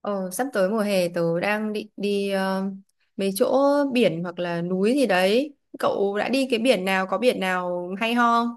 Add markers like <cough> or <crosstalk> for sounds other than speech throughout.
Ờ, Sắp tới mùa hè tớ đang định đi mấy chỗ biển hoặc là núi gì đấy. Cậu đã đi cái biển nào, có biển nào hay ho không?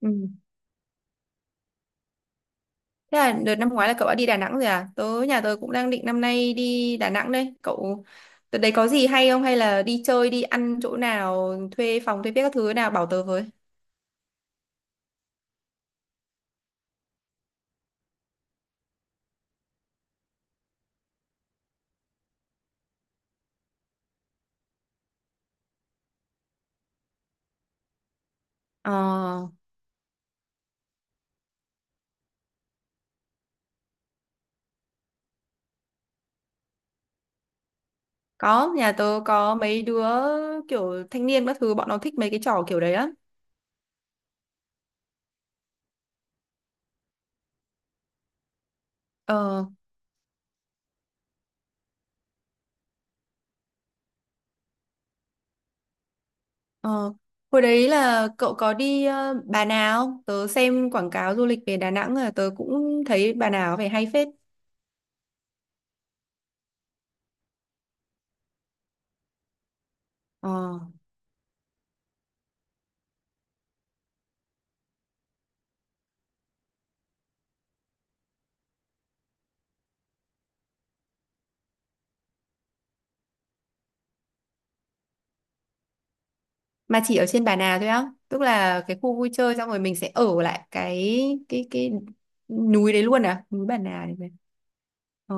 Ừ. Thế là đợt năm ngoái là cậu đã đi Đà Nẵng rồi à? Nhà tớ cũng đang định năm nay đi Đà Nẵng đây. Cậu đợt đấy có gì hay không, hay là đi chơi đi ăn chỗ nào, thuê phòng thuê biết các thứ nào bảo tớ với. Ờ, có, nhà tớ có mấy đứa kiểu thanh niên các thứ, bọn nó thích mấy cái trò kiểu đấy lắm. Ờ. Ờ, hồi đấy là cậu có đi Bà Nà không? Tớ xem quảng cáo du lịch về Đà Nẵng là tớ cũng thấy Bà Nà có vẻ hay phết. Ờ, mà chỉ ở trên Bà Nà thôi á, tức là cái khu vui chơi xong rồi mình sẽ ở lại cái núi đấy luôn à, núi Bà Nà này. Ờ,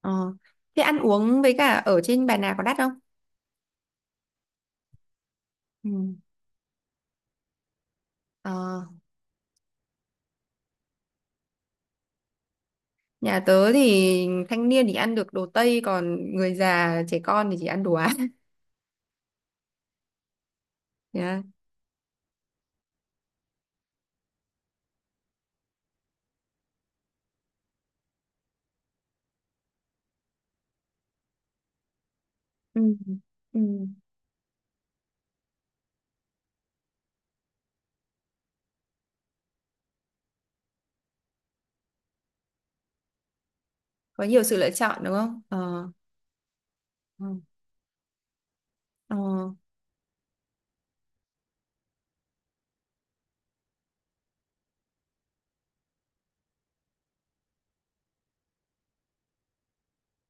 ờ. Thế ăn uống với cả ở trên Bà Nà có đắt không? Ừ. Ờ, nhà tớ thì thanh niên thì ăn được đồ Tây, còn người già trẻ con thì chỉ ăn đồ Á. <laughs> Yeah. Ừ. Ừ. Có nhiều sự lựa chọn đúng không? Ờ. Ừ. ờ,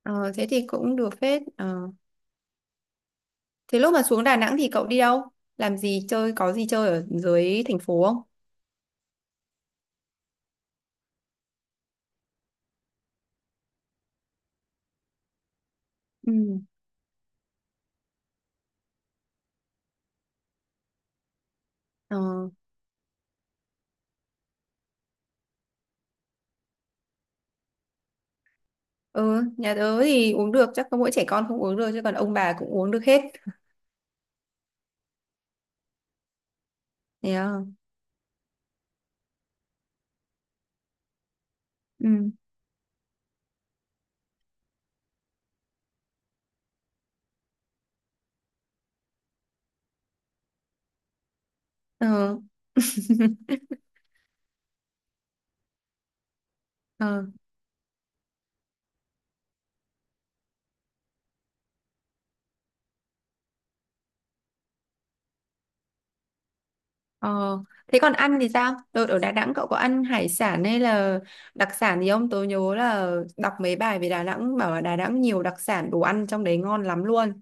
ờ, Thế thì cũng được phết. Ờ. Thế lúc mà xuống Đà Nẵng thì cậu đi đâu? Làm gì chơi, có gì chơi ở dưới thành phố không? Ừ. Ờ, ừ, nhà tớ thì uống được, chắc có mỗi trẻ con không uống được chứ còn ông bà cũng uống được hết. Yeah. Ừ. Ờ, ờ, ờ. Thế còn ăn thì sao? Đợt ở Đà Nẵng cậu có ăn hải sản hay là đặc sản gì không? Tớ nhớ là đọc mấy bài về Đà Nẵng bảo là Đà Nẵng nhiều đặc sản, đồ ăn trong đấy ngon lắm luôn.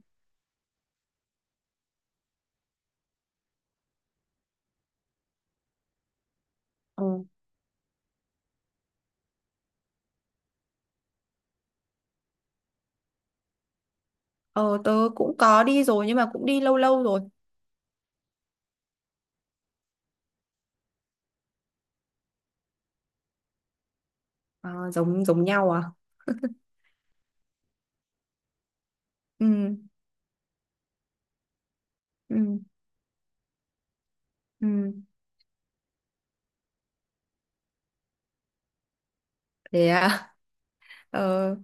Ờ. Ờ tớ cũng có đi rồi nhưng mà cũng đi lâu lâu rồi. À, giống giống nhau à? Ừ ừ ừ. Thế à? <laughs> Ờ,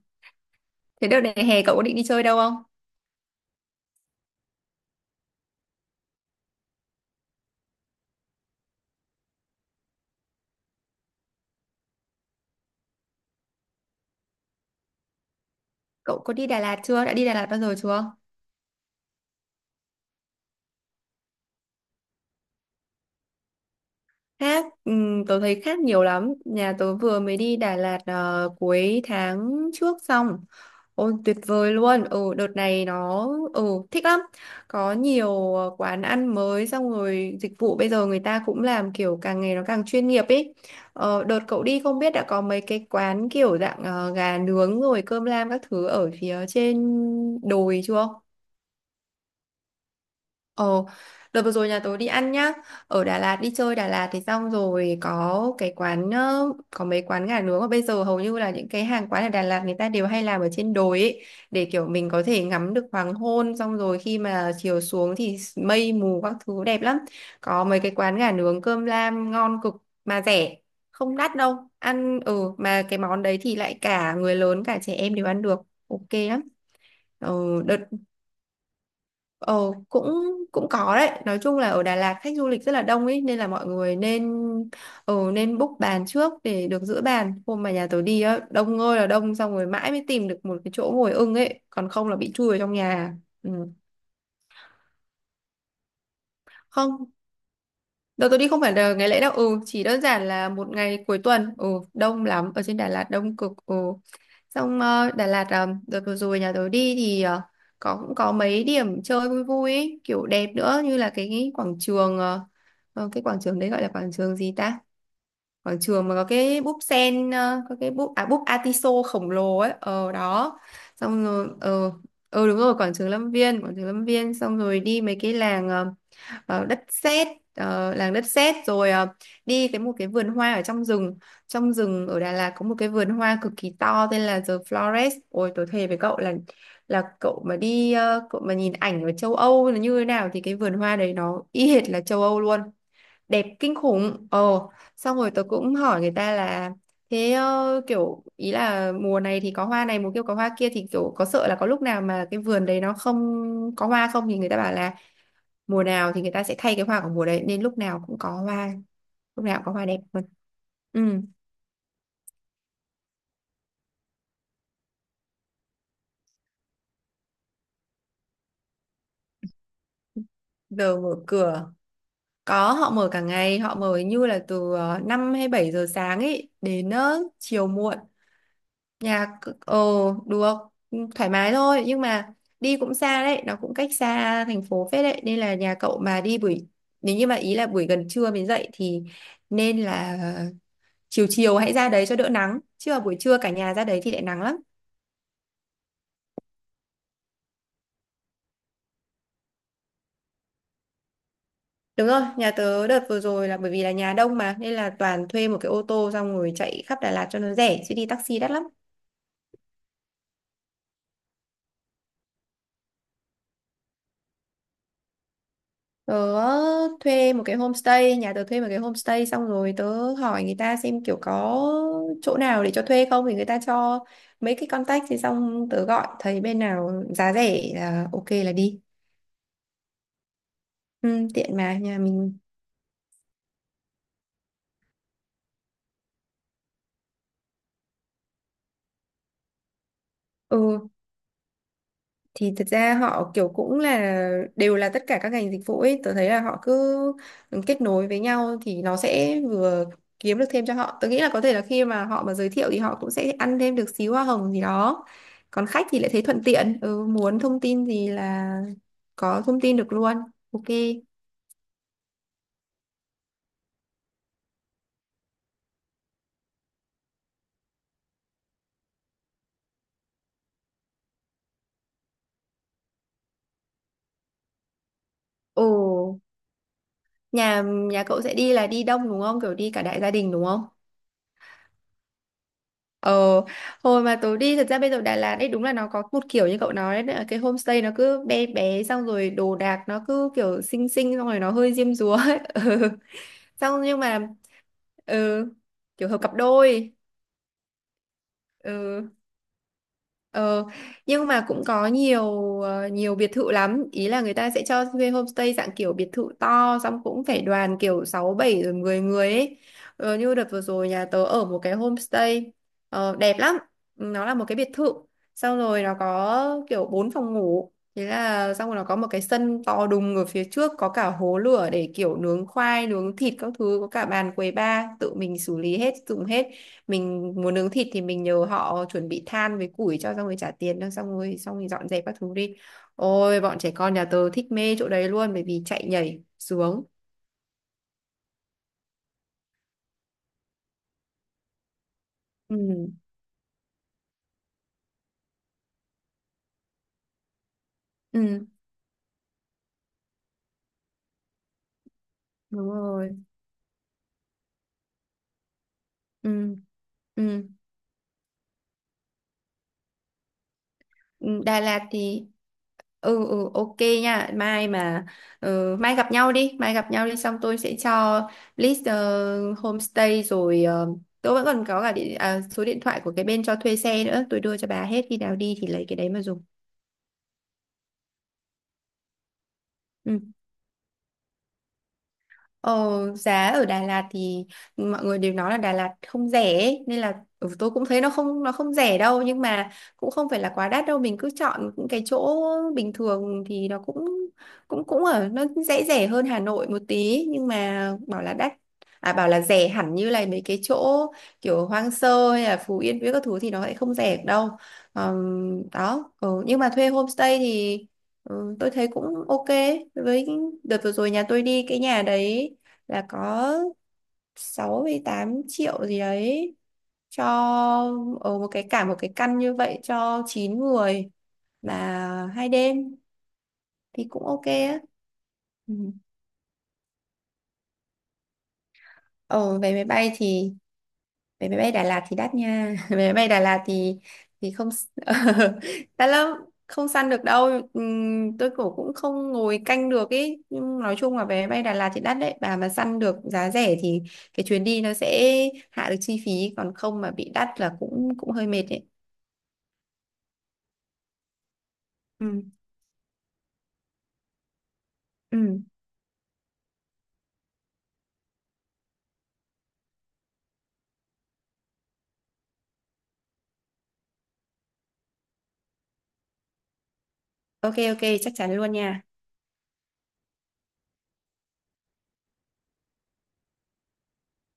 thế đợt này hè cậu có định đi chơi đâu không? Cậu có đi Đà Lạt chưa? Đã đi Đà Lạt bao giờ chưa? Khác, tớ thấy khác nhiều lắm. Nhà tớ vừa mới đi Đà Lạt cuối tháng trước xong. Ôi tuyệt vời luôn. Ừ đợt này nó ừ thích lắm. Có nhiều quán ăn mới, xong rồi dịch vụ bây giờ người ta cũng làm kiểu càng ngày nó càng chuyên nghiệp ý. Ờ, đợt cậu đi không biết đã có mấy cái quán kiểu dạng gà nướng rồi cơm lam các thứ ở phía trên đồi chưa? Ồ, đợt vừa rồi nhà tớ đi ăn nhá. Ở Đà Lạt, đi chơi Đà Lạt thì xong rồi có cái quán có mấy quán gà nướng mà bây giờ hầu như là những cái hàng quán ở Đà Lạt người ta đều hay làm ở trên đồi ấy, để kiểu mình có thể ngắm được hoàng hôn, xong rồi khi mà chiều xuống thì mây mù các thứ đẹp lắm. Có mấy cái quán gà nướng cơm lam ngon cực mà rẻ, không đắt đâu. Ăn ừ mà cái món đấy thì lại cả người lớn cả trẻ em đều ăn được. Ok lắm. Ừ, đợt Ờ cũng cũng có đấy, nói chung là ở Đà Lạt khách du lịch rất là đông ấy nên là mọi người nên nên book bàn trước để được giữ bàn, hôm mà nhà tớ đi á đông ơi là đông, xong rồi mãi mới tìm được một cái chỗ ngồi ưng ấy, còn không là bị chui vào trong nhà. Ừ. Không. Đợt tôi đi không phải là ngày lễ đâu, ừ, chỉ đơn giản là một ngày cuối tuần, ừ, đông lắm, ở trên Đà Lạt đông cực, ừ. Xong Đà Lạt, đợt vừa rồi nhà tôi đi thì có cũng có mấy điểm chơi vui vui ấy, kiểu đẹp nữa, như là cái quảng trường, cái quảng trường đấy gọi là quảng trường gì ta? Quảng trường mà có cái búp sen, có cái búp, à búp Atiso khổng lồ ấy, ờ đó. Xong rồi, ờ đúng rồi, quảng trường Lâm Viên, quảng trường Lâm Viên, xong rồi đi mấy cái làng, đất sét làng đất sét rồi đi một cái vườn hoa ở trong rừng, trong rừng ở Đà Lạt có một cái vườn hoa cực kỳ to tên là The Flores. Ôi tôi thề với cậu là cậu mà đi cậu mà nhìn ảnh ở châu Âu là như thế nào thì cái vườn hoa đấy nó y hệt là châu Âu luôn, đẹp kinh khủng. Ồ, xong rồi tớ cũng hỏi người ta là thế kiểu ý là mùa này thì có hoa này, mùa kia có hoa kia, thì kiểu có sợ là có lúc nào mà cái vườn đấy nó không có hoa không, thì người ta bảo là mùa nào thì người ta sẽ thay cái hoa của mùa đấy nên lúc nào cũng có hoa, lúc nào cũng có hoa đẹp luôn. Ừ. Giờ mở cửa có, họ mở cả ngày, họ mở như là từ 5 hay 7 giờ sáng ấy đến chiều muộn. Nhà c- ờ Được, thoải mái thôi, nhưng mà đi cũng xa đấy, nó cũng cách xa thành phố phết đấy, nên là nhà cậu mà đi buổi, nếu như mà ý là buổi gần trưa mới dậy thì nên là chiều chiều hãy ra đấy cho đỡ nắng, chứ mà buổi trưa cả nhà ra đấy thì lại nắng lắm. Đúng rồi, nhà tớ đợt vừa rồi là bởi vì là nhà đông mà nên là toàn thuê một cái ô tô xong rồi chạy khắp Đà Lạt cho nó rẻ chứ đi taxi đắt lắm. Tớ thuê một cái homestay, nhà tớ thuê một cái homestay xong rồi tớ hỏi người ta xem kiểu có chỗ nào để cho thuê không, thì người ta cho mấy cái contact, thì xong tớ gọi thấy bên nào giá rẻ là ok là đi. Ừ, tiện mà nhà mình. Ừ, thì thật ra họ kiểu cũng là đều là tất cả các ngành dịch vụ ấy, tôi thấy là họ cứ kết nối với nhau thì nó sẽ vừa kiếm được thêm cho họ, tôi nghĩ là có thể là khi mà họ mà giới thiệu thì họ cũng sẽ ăn thêm được xíu hoa hồng gì đó, còn khách thì lại thấy thuận tiện, ừ, muốn thông tin gì là có thông tin được luôn. Ok. Ồ, nhà nhà cậu sẽ đi là đi đông đúng không, kiểu đi cả đại gia đình đúng không? Ờ, hồi mà tớ đi, thật ra bây giờ Đà Lạt ấy đúng là nó có một kiểu như cậu nói đấy, cái homestay nó cứ bé bé xong rồi đồ đạc nó cứ kiểu xinh xinh xong rồi nó hơi diêm dúa ấy. <laughs> Ừ. Xong nhưng mà ừ, kiểu hợp cặp đôi. Ừ. Ờ, nhưng mà cũng có nhiều nhiều biệt thự lắm, ý là người ta sẽ cho thuê homestay dạng kiểu biệt thự to, xong cũng phải đoàn kiểu 6 7 rồi 10 người ấy. Như đợt vừa rồi nhà tớ ở một cái homestay đẹp lắm, nó là một cái biệt thự, xong rồi nó có kiểu 4 phòng ngủ, thế là xong rồi nó có một cái sân to đùng ở phía trước, có cả hố lửa để kiểu nướng khoai nướng thịt các thứ, có cả bàn quầy bar tự mình xử lý hết dùng hết. Mình muốn nướng thịt thì mình nhờ họ chuẩn bị than với củi cho, xong rồi trả tiền thôi, xong rồi dọn dẹp các thứ đi. Ôi bọn trẻ con nhà tớ thích mê chỗ đấy luôn, bởi vì chạy nhảy xuống ừ ừ đúng rồi ừ ừ. Ừ, Đà Lạt thì ừ ừ ok nha. Mai gặp nhau đi, mai gặp nhau đi, xong tôi sẽ cho list homestay, rồi tôi vẫn còn có cả địa, à, số điện thoại của cái bên cho thuê xe nữa, tôi đưa cho bà hết, khi nào đi thì lấy cái đấy mà dùng. Ừ. Ờ, giá ở Đà Lạt thì mọi người đều nói là Đà Lạt không rẻ ấy, nên là ừ, tôi cũng thấy nó không, nó không rẻ đâu, nhưng mà cũng không phải là quá đắt đâu, mình cứ chọn những cái chỗ bình thường thì nó cũng cũng cũng ở nó dễ rẻ hơn Hà Nội một tí, nhưng mà bảo là đắt à bảo là rẻ hẳn như là mấy cái chỗ kiểu hoang sơ hay là Phú Yên với các thứ thì nó lại không rẻ đâu. Đó ừ, nhưng mà thuê homestay thì ừ, tôi thấy cũng ok. với cái- Đợt vừa rồi nhà tôi đi cái nhà đấy là có 68 triệu gì đấy cho ở một cái cả một cái căn như vậy cho 9 người là 2 đêm thì cũng ok á. Ừ. Ở vé máy bay thì vé máy bay Đà Lạt thì đắt nha. <laughs> Vé máy bay Đà Lạt thì không <laughs> đắt lắm, không săn được đâu. Tôi cũng cũng không ngồi canh được ý, nhưng nói chung là vé máy bay Đà Lạt thì đắt đấy, bà mà săn được giá rẻ thì cái chuyến đi nó sẽ hạ được chi phí, còn không mà bị đắt là cũng cũng hơi mệt đấy. Ừ. Ừ ok. Ok chắc chắn luôn nha.